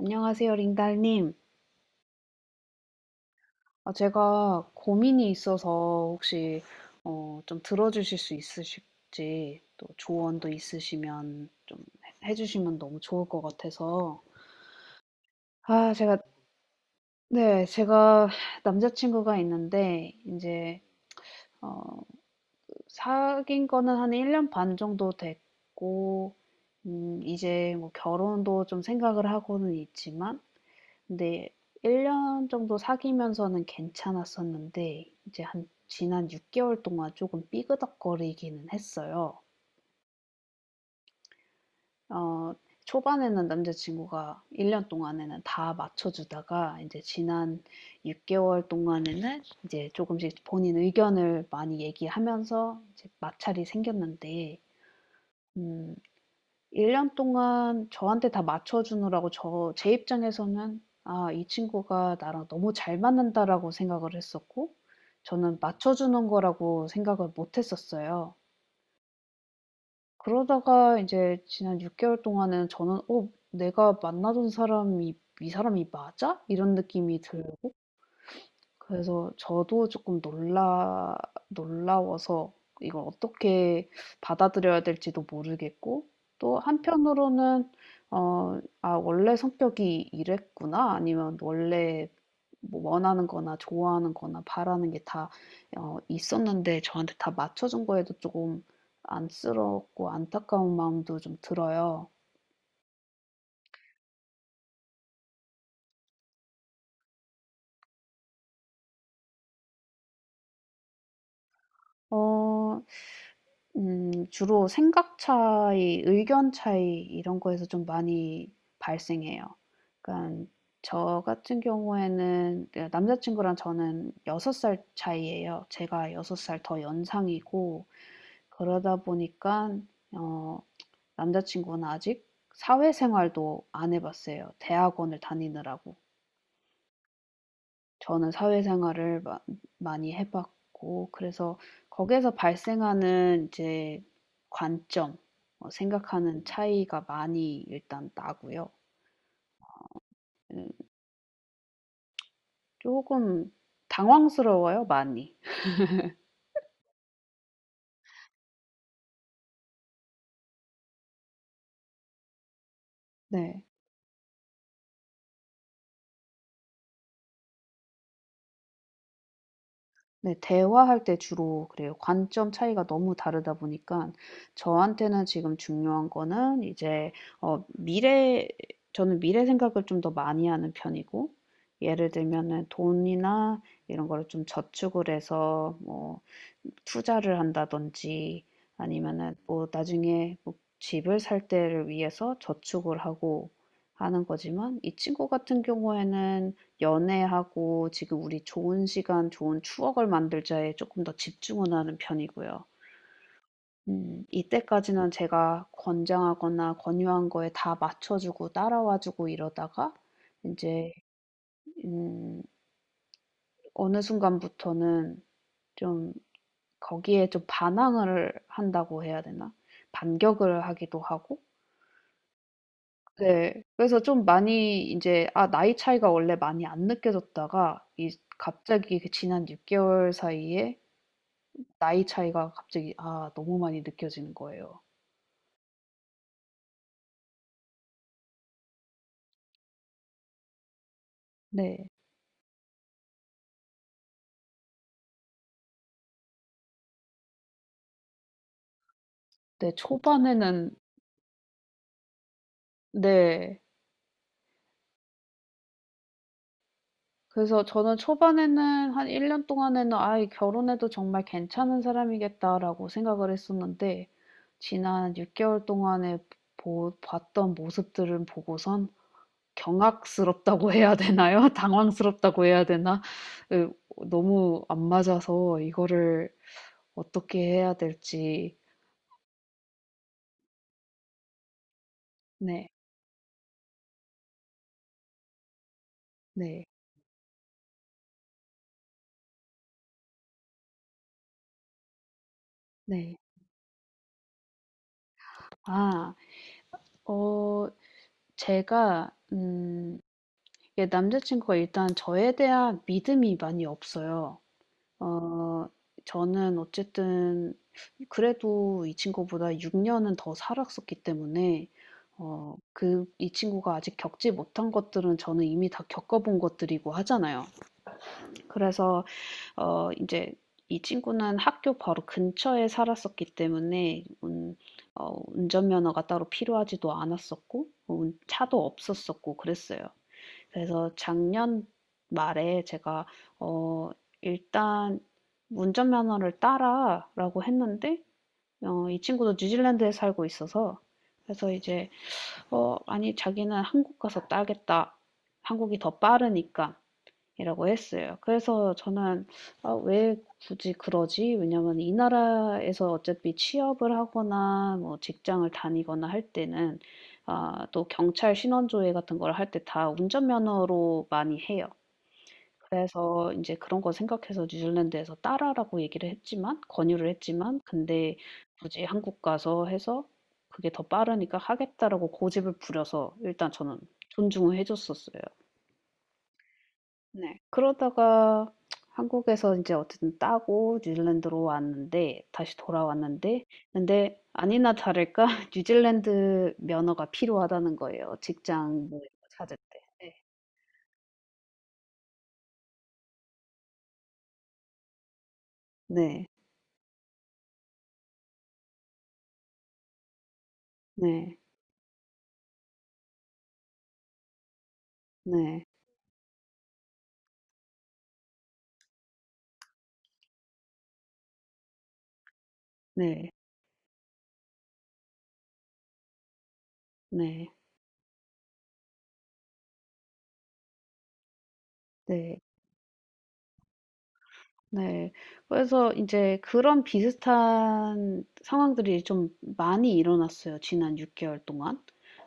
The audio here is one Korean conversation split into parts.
안녕하세요, 링달님. 아, 제가 고민이 있어서 혹시 좀 들어주실 수 있으실지 또 조언도 있으시면 좀 해주시면 너무 좋을 것 같아서. 아, 제가 네, 제가 남자친구가 있는데 이제 어, 사귄 거는 한 1년 반 정도 됐고 이제 뭐 결혼도 좀 생각을 하고는 있지만 근데 1년 정도 사귀면서는 괜찮았었는데 이제 한 지난 6 개월 동안 조금 삐그덕거리기는 했어요. 어 초반에는 남자 친구가 1년 동안에는 다 맞춰 주다가 이제 지난 6 개월 동안에는 이제 조금씩 본인 의견을 많이 얘기하면서 이제 마찰이 생겼는데 음 1년 동안 저한테 다 맞춰 주느라고 제 입장에서는 '아 이 친구가 나랑 너무 잘 맞는다.'라고 생각을 했었고 저는 맞춰 주는 거라고 생각을 못 했었어요. 그러다가 인제 지난 6 개월 동안은 저는 '어 내가 만나던 사람이 이 사람이 맞아?' 이런 느낌이 들고 그래서 저도 조금 놀라워서 이걸 어떻게 받아들여야 될지도 모르겠고 또 한편으로는 '아 원래 성격이 이랬구나.' 아니면 원래 뭐 원하는 거나 좋아하는 거나 바라는 게 다 있었는데 저한테 다 맞춰 준 거에도 조금 안쓰럽고 안타까운 마음도 좀 들어요. 어 주로 생각 차이, 의견 차이 이런 거에서 좀 많이 발생해요. 그러니까 저 같은 경우에는 네, 남자 친구랑 저는 6살 차이예요. 제가 6살 더 연상이고 그러다 보니까 어 남자 친구는 아직 사회생활도 안 해 봤어요, 대학원을 다니느라고. 저는 사회생활을 마 많이 해 봤고 그래서 거기에서 발생하는 이제 관점 생각하는 차이가 많이 일단 나고요. 음금 당황스러워요 많이. 네. 네. 대화할 때 주로 그래요. 관점 차이가 너무 다르다 보니까 저한테는 지금 중요한 거는 이제 어 미래 저는 미래 생각을 좀 더 많이 하는 편이고 예를 들면은 돈이나 이런 거를 좀 저축을 해서 뭐 투자를 한다든지 아니면은 뭐 나중에 뭐 집을 살 때를 위해서 저축을 하고 하는 거지만 이 친구 같은 경우에는 연애하고 지금 우리 좋은 시간, 좋은 추억을 만들자에 조금 더 집중을 하는 편이고요. 이때까지는 제가 권장하거나 권유한 거에 다 맞춰주고 따라와주고 이러다가 이제 음, 어느 순간부터는 좀 거기에 좀 반항을 한다고 해야 되나? 반격을 하기도 하고. 네. 그래서 좀 많이 이제 아 나이 차이가 원래 많이 안 느껴졌다가 이 갑자기 그 지난 6 개월 사이에 나이 차이가 갑자기 아 너무 많이 느껴지는 거예요. 네. 네 초반에는. 네. 그래서 저는 초반에는 한 1년 동안에는 '아 이 결혼해도 정말 괜찮은 사람이겠다.'라고 생각을 했었는데 지난 6개월 동안에 봤던 모습들을 보고선 경악스럽다고 해야 되나요? 당황스럽다고 해야 되나? 너무 안 맞아서 이거를 어떻게 해야 될지. 네, 네, 네. 아, 어, 제가, 예, 남자친구가 일단 저에 대한 믿음이 많이 없어요. 어 저는 어쨌든 그래도 이 친구보다 6 년은 더 살았었기 때문에 그 이 친구가 아직 겪지 못한 것들은 저는 이미 다 겪어 본 것들이고 하잖아요. 그래서 이제 이 친구는 학교 바로 근처에 살았었기 때문에 운 어 운전면허가 따로 필요하지도 않았었고 운 차도 없었었고 그랬어요. 그래서 작년 말에 제가 어, 일단 운전면허를 따라라고 했는데 이 친구도 뉴질랜드에 살고 있어서 그래서 이제 아니 자기는 한국 가서 따겠다. 한국이 더 빠르니까. 이라고 했어요. 그래서 저는 '아 왜 굳이 그러지?' 왜냐면 이 나라에서 어차피 취업을 하거나 뭐 직장을 다니거나 할 때는 아 또 경찰 신원조회 같은 걸 할 때 다 운전면허로 많이 해요. 그래서 이제 그런 거 생각해서 뉴질랜드에서 따라라고 얘기를 했지만 권유를 했지만 근데 굳이 한국 가서 해서 "그게 더 빠르니까 하겠다."라고 고집을 부려서 일단 저는 존중을 해 줬었어요. 네. 그러다가 한국에서 이제 어쨌든 따고 뉴질랜드로 왔는데 다시 돌아왔는데 근데 아니나 다를까 뉴질랜드 면허가 필요하다는 거예요, 직장 뭐 이런 거 찾을 때. 네. 네. 네. 네. 네. 네. 네. 네. 그래서 이제 그런 비슷한 상황들이 좀 많이 일어났어요, 지난 6 개월 동안.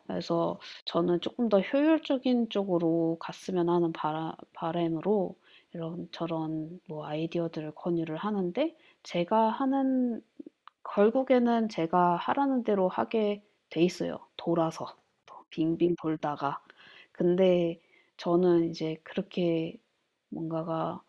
그래서 저는 조금 더 효율적인 쪽으로 갔으면 하는 바라 바람으로 이런저런 뭐 아이디어들을 권유를 하는데 제가 하는 결국에는 제가 하라는 대로 하게 돼 있어요, 돌아서. 빙빙 돌다가. 근데 저는 이제 그렇게 뭔가가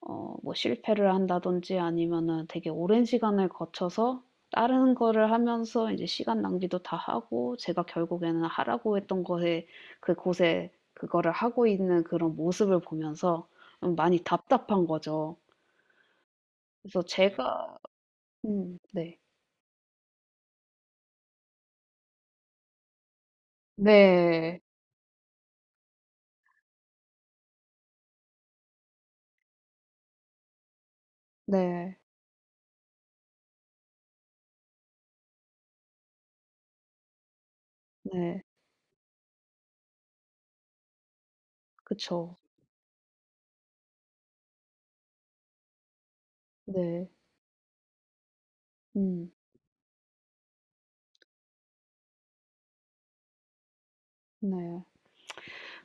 뭐 실패를 한다든지 아니면은 되게 오랜 시간을 거쳐서 다른 거를 하면서 이제 시간 낭비도 다 하고 제가 결국에는 하라고 했던 거에 그곳에 그거를 하고 있는 그런 모습을 보면서 좀 많이 답답한 거죠. 그래서 제가 네. 네. 네. 네. 그쵸. 네. 음. 네.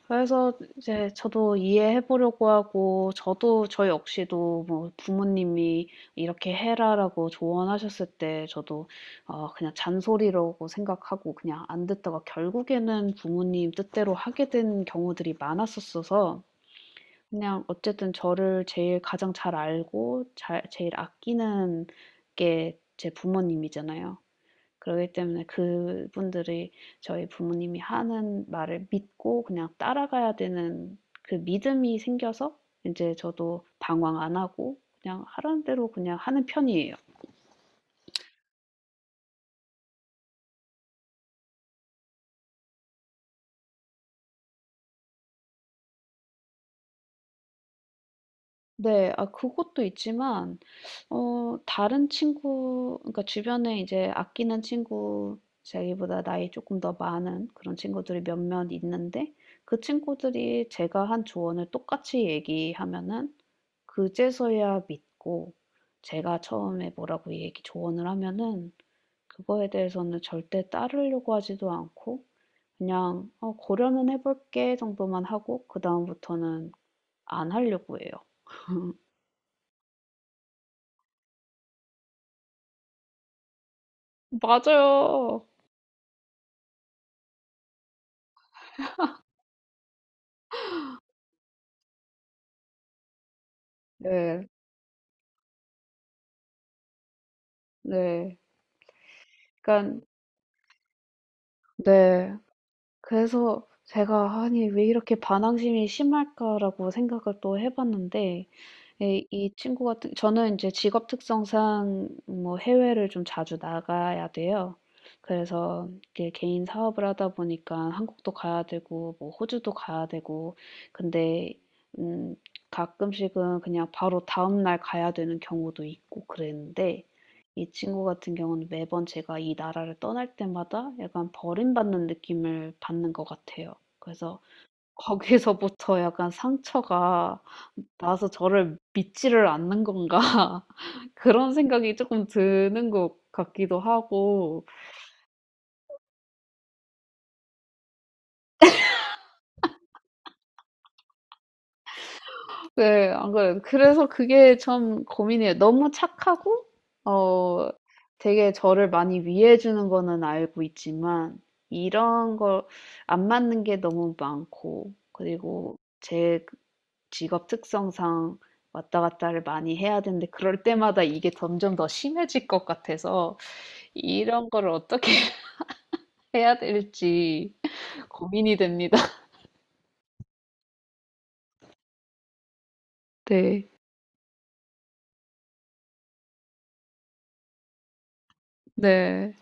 그래서 이제 저도 이해해 보려고 하고, 저도 저 역시도 뭐 부모님이 이렇게 해라라고 조언하셨을 때 저도 그냥 잔소리라고 생각하고 그냥 안 듣다가 결국에는 부모님 뜻대로 하게 된 경우들이 많았었어서 그냥 어쨌든 저를 제일 가장 잘 알고 제일 아끼는 게 제 부모님이잖아요. 그러기 때문에 그분들이 저희 부모님이 하는 말을 믿고 그냥 따라가야 되는 그 믿음이 생겨서 이제 저도 방황 안 하고 그냥 하라는 대로 그냥 하는 편이에요. 네. 아 그것도 있지만 다른 친구, 그러니까 주변에 이제 아끼는 친구, 자기보다 나이 조금 더 많은 그런 친구들이 몇몇 있는데, 그 친구들이 제가 한 조언을 똑같이 얘기하면은 그제서야 믿고, 제가 처음에 뭐라고 얘기 조언을 하면은 그거에 대해서는 절대 따르려고 하지도 않고 그냥 "어 고려는 해 볼게." 정도만 하고 그다음부터는 안 하려고 해요. 맞아요. 네. 네. 그러니까 네. 그래서 제가 '아니 왜 이렇게 반항심이 심할까?'라고 생각을 또 해 봤는데, 예. 이 친구 같은 저는 인제 직업 특성상 뭐 해외를 좀 자주 나가야 돼요. 그래서 이게 개인 사업을 하다 보니까 한국도 가야 되고 뭐 호주도 가야 되고 근데 음 가끔씩은 그냥 바로 다음 날 가야 되는 경우도 있고 그랬는데, 이 친구 같은 경우는 매번 제가 이 나라를 떠날 때마다 약간 버림받는 느낌을 받는 것 같아요. 그래서 거기서부터 약간 상처가 나서 저를 믿지를 않는 건가 그런 생각이 조금 드는 것 같기도 하고. 네, 안 그래요. 그래서 그게 참 고민이에요. 너무 착하고 어 되게 저를 많이 위해 주는 거는 알고 있지만 이런 걸, 안 맞는 게 너무 많고, 그리고 제 직업 특성상 왔다 갔다를 많이 해야 되는데 그럴 때마다 이게 점점 더 심해질 것 같아서 이런 거를 어떻게 해야 될지 고민이 됩니다. 네. 네.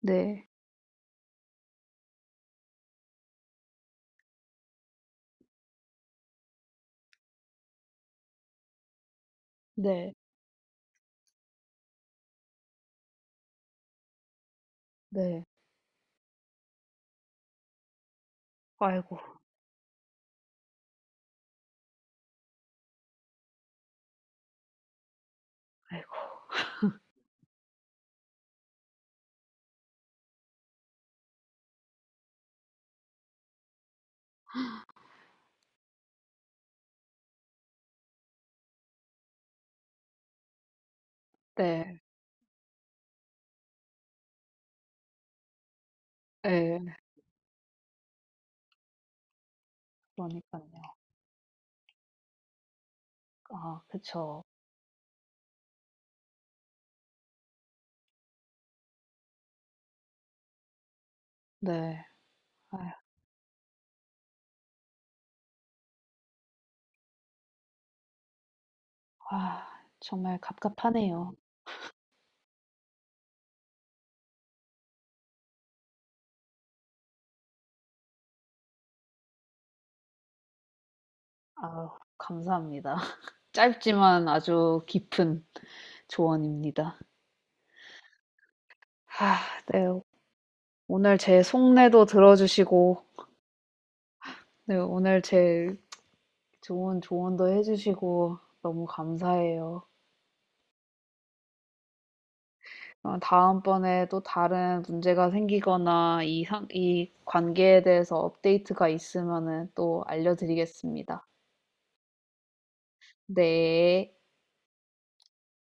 네. 네. 네. 아이고. 아이고. 네. 네. 그러니깐요. 아 그쵸. 네. 아휴. 아 정말 갑갑하네요. 아 감사합니다. 짧지만 아주 깊은 조언입니다. 아 네. 오늘 제 속내도 들어주시고, 네, 오늘 제 좋은 조언도 해주시고, 너무 감사해요. 다음번에 또 다른 문제가 생기거나 이 관계에 대해서 업데이트가 있으면은 또 알려드리겠습니다. 네.